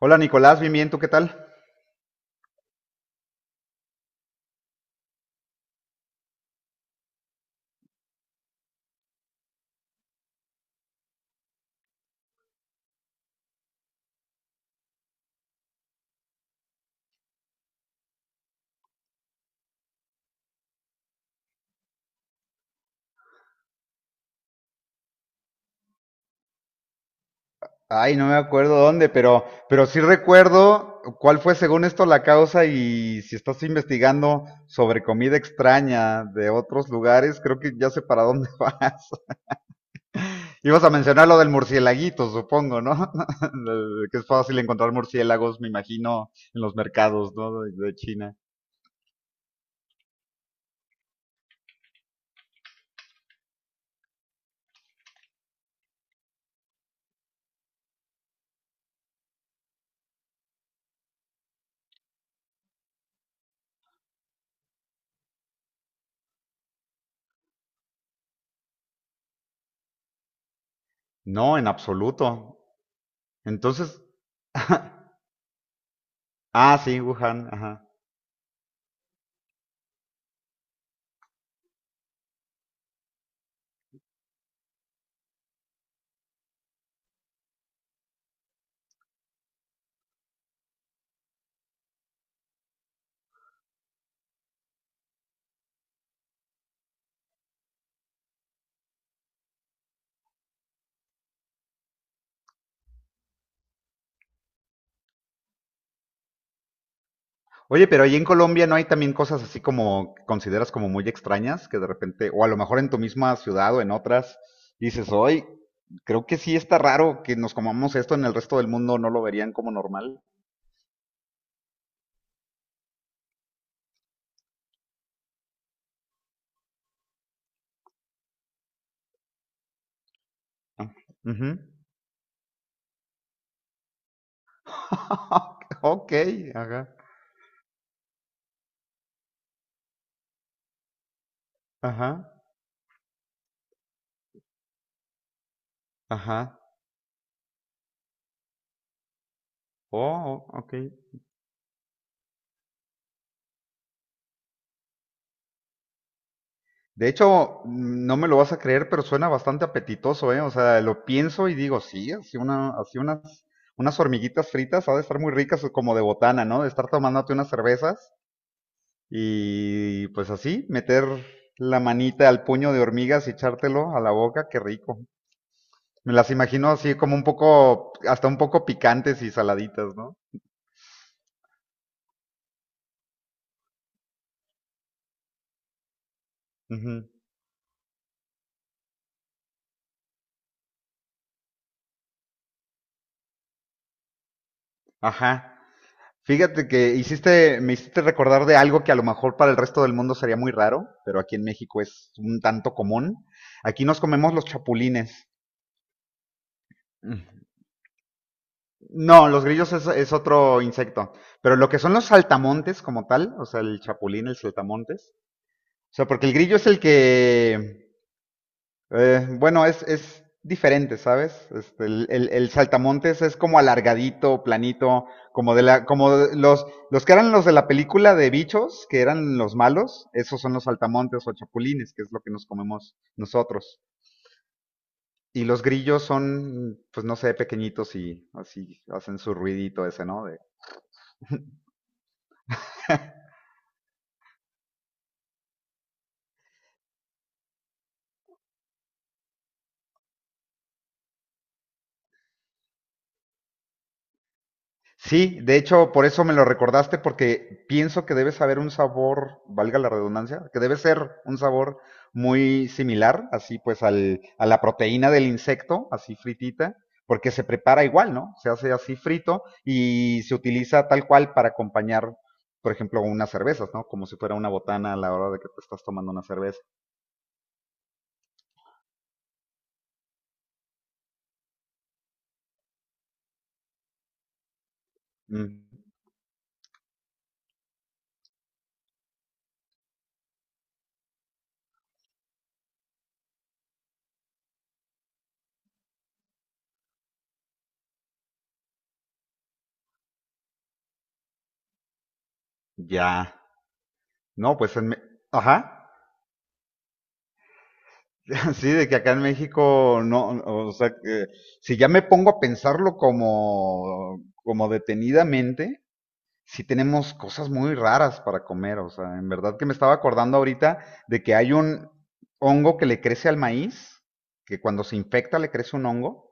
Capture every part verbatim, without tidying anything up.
Hola Nicolás, bien, bien, ¿tú qué tal? Ay, no me acuerdo dónde, pero, pero sí recuerdo cuál fue según esto la causa y si estás investigando sobre comida extraña de otros lugares, creo que ya sé para dónde vas. Ibas a mencionar lo del murciélaguito, supongo, ¿no? Que es fácil encontrar murciélagos, me imagino, en los mercados, ¿no? De de China. No, en absoluto. Entonces, ah, sí, Wuhan, ajá. Oye, pero ahí en Colombia no hay también cosas así como que consideras como muy extrañas, que de repente, o a lo mejor en tu misma ciudad o en otras, dices, hoy creo que sí está raro que nos comamos esto en el resto del mundo, no lo verían como normal. Ah, ujú. Ok, ajá, ajá, ajá. Oh, ok. De hecho, no me lo vas a creer, pero suena bastante apetitoso, ¿eh? O sea, lo pienso y digo, sí, así una, así unas, unas hormiguitas fritas ha de estar muy ricas como de botana, ¿no? De estar tomándote unas cervezas y pues así, meter la manita al puño de hormigas y echártelo a la boca, qué rico. Me las imagino así como un poco, hasta un poco picantes y saladitas, ¿no? Ujú. Ajá. Fíjate que hiciste, me hiciste recordar de algo que a lo mejor para el resto del mundo sería muy raro, pero aquí en México es un tanto común. Aquí nos comemos los chapulines. No, los grillos es, es otro insecto, pero lo que son los saltamontes como tal, o sea, el chapulín, el saltamontes, o sea, porque el grillo es el que Eh, bueno, es, es diferente, ¿sabes? Este, el, el- el saltamontes es como alargadito, planito, como de la, como de los, los que eran los de la película de bichos, que eran los malos, esos son los saltamontes o chapulines, que es lo que nos comemos nosotros. Y los grillos son, pues no sé, pequeñitos y así hacen su ruidito ese, ¿no? De, sí, de hecho, por eso me lo recordaste, porque pienso que debe saber un sabor, valga la redundancia, que debe ser un sabor muy similar, así pues, al, a la proteína del insecto, así fritita, porque se prepara igual, ¿no? Se hace así frito y se utiliza tal cual para acompañar, por ejemplo, unas cervezas, ¿no? Como si fuera una botana a la hora de que te estás tomando una cerveza. Mm, ya. No, pues, en me- ajá. Sí, de que acá en México no, o sea, que si ya me pongo a pensarlo como, como detenidamente, sí tenemos cosas muy raras para comer, o sea, en verdad que me estaba acordando ahorita de que hay un hongo que le crece al maíz, que cuando se infecta le crece un hongo,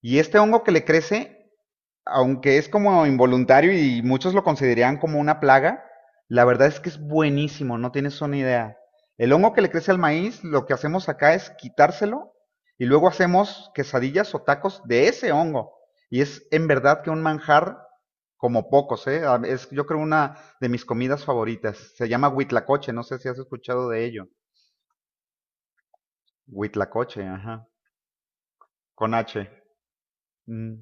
y este hongo que le crece aunque es como involuntario y muchos lo consideran como una plaga, la verdad es que es buenísimo, no tienes una idea. El hongo que le crece al maíz, lo que hacemos acá es quitárselo y luego hacemos quesadillas o tacos de ese hongo. Y es en verdad que un manjar como pocos, ¿eh? Ah, es, yo creo una de mis comidas favoritas. Se llama huitlacoche, no sé si has escuchado de ello. Huitlacoche, ajá, con H. Mm.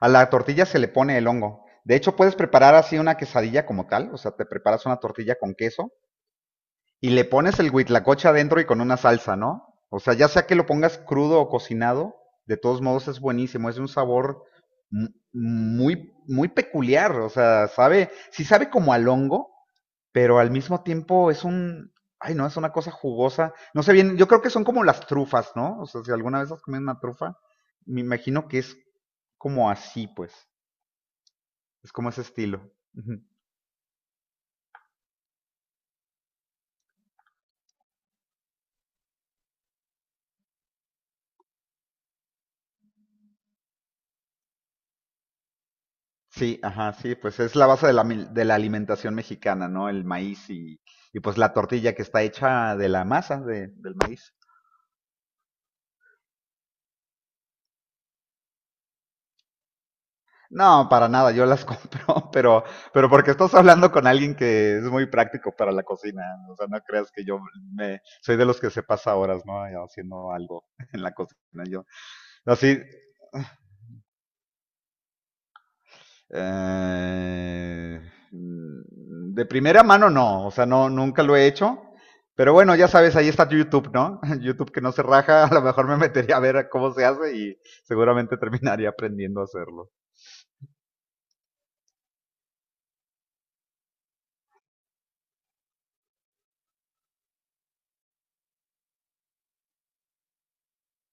A la tortilla se le pone el hongo. De hecho, puedes preparar así una quesadilla como tal, o sea, te preparas una tortilla con queso y le pones el huitlacoche adentro y con una salsa, ¿no? O sea, ya sea que lo pongas crudo o cocinado, de todos modos es buenísimo, es de un sabor muy, muy peculiar, o sea, sabe, sí sabe como al hongo, pero al mismo tiempo es un, ay no, es una cosa jugosa, no sé bien, yo creo que son como las trufas, ¿no? O sea, si alguna vez has comido una trufa, me imagino que es como así, pues. Es como ese estilo. Ujú. Sí, ajá, sí, pues es la base de la, mil- de la alimentación mexicana, ¿no? El maíz y, y pues la tortilla que está hecha de la masa de- del maíz. No, para nada, yo las compro, pero, pero porque estás hablando con alguien que es muy práctico para la cocina. O sea, no creas que yo me, soy de los que se pasa horas, ¿no? Haciendo algo en la cocina. Yo, así, Eh, mm, de primera mano no, o sea, no, nunca lo he hecho. Pero bueno, ya sabes, ahí está YouTube, ¿no? YouTube que no se raja, a lo mejor me metería a ver cómo se hace y seguramente terminaría aprendiendo a hacerlo.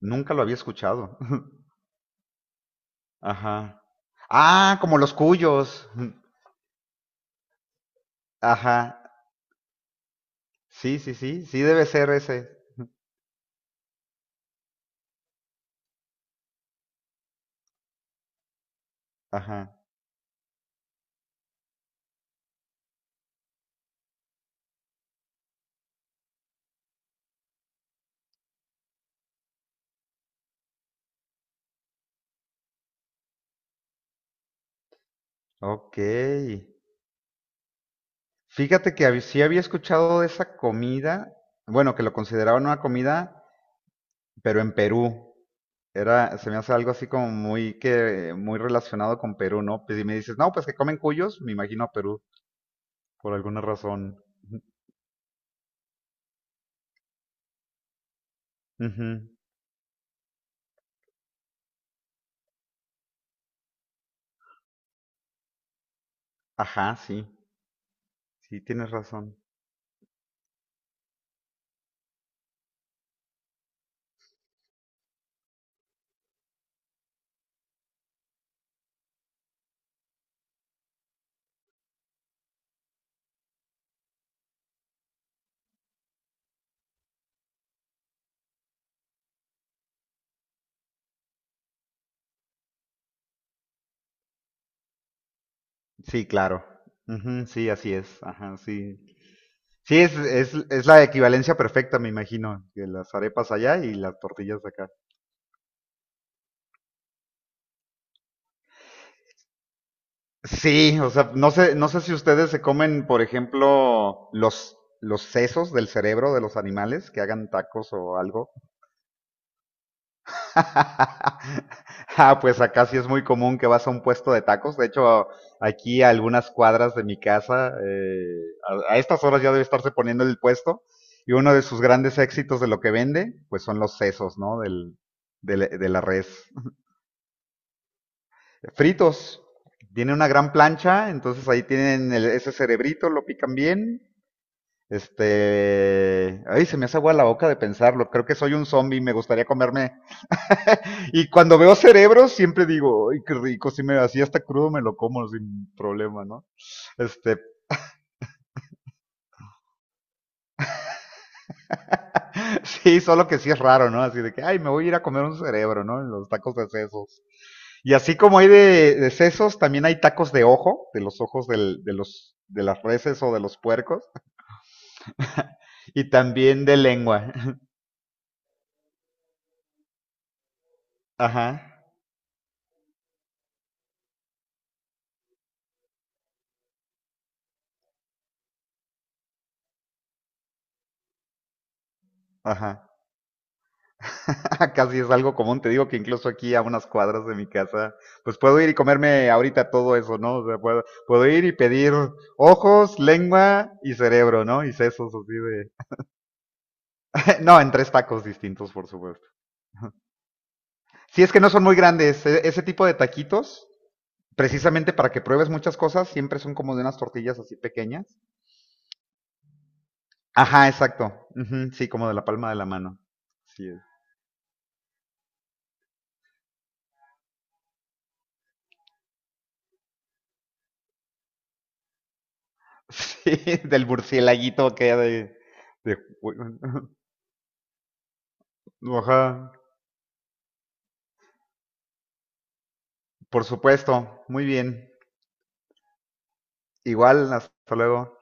Nunca lo había escuchado. Ajá. Ah, como los cuyos. Ajá. Sí, sí, sí, sí debe ser ese. Ajá. Ok. Fíjate que hab- sí había escuchado de esa comida, bueno, que lo consideraban una comida, pero en Perú. Era, se me hace algo así como muy que, muy relacionado con Perú, ¿no? Pues si me dices, no, pues que comen cuyos, me imagino a Perú, por alguna razón. Ujú, ujú. Ajá, sí, sí, tienes razón. Sí, claro. Ujú, sí, así es. Ajá, sí. Sí, es, es, es la equivalencia perfecta, me imagino, que las arepas allá y las tortillas acá. Sí, o sea, no sé, no sé si ustedes se comen, por ejemplo, los, los sesos del cerebro de los animales que hagan tacos o algo. Ah, pues acá sí es muy común que vas a un puesto de tacos. De hecho, aquí a algunas cuadras de mi casa, eh, a, a estas horas ya debe estarse poniendo el puesto. Y uno de sus grandes éxitos de lo que vende, pues son los sesos, ¿no? Del, de, la- de la res. Fritos. Tiene una gran plancha, entonces ahí tienen el- ese cerebrito, lo pican bien. Este, ay, se me hace agua la boca de pensarlo. Creo que soy un zombie, me gustaría comerme y cuando veo cerebros siempre digo, ay, qué rico, si me así hasta crudo me lo como sin problema, ¿no? Este, sí, solo que sí es raro, ¿no? Así de que, ay, me voy a ir a comer un cerebro, ¿no? En los tacos de sesos. Y así como hay de, de sesos, también hay tacos de ojo, de los ojos del, de los, de las reses o de los puercos, y también de lengua. Ajá, ajá. Casi es algo común, te digo que incluso aquí a unas cuadras de mi casa, pues puedo ir y comerme ahorita todo eso, ¿no? O sea, puedo, puedo ir y pedir ojos, lengua y cerebro, ¿no? Y sesos así de... no, en tres tacos distintos, por supuesto. Si es que no son muy grandes, e- ese tipo de taquitos, precisamente para que pruebes muchas cosas, siempre son como de unas tortillas así pequeñas. Ajá, exacto. Ujú, sí, como de la palma de la mano. Sí, sí, del murcielaguito que hay de... de... Ajá. Por supuesto, muy bien. Igual, hasta luego.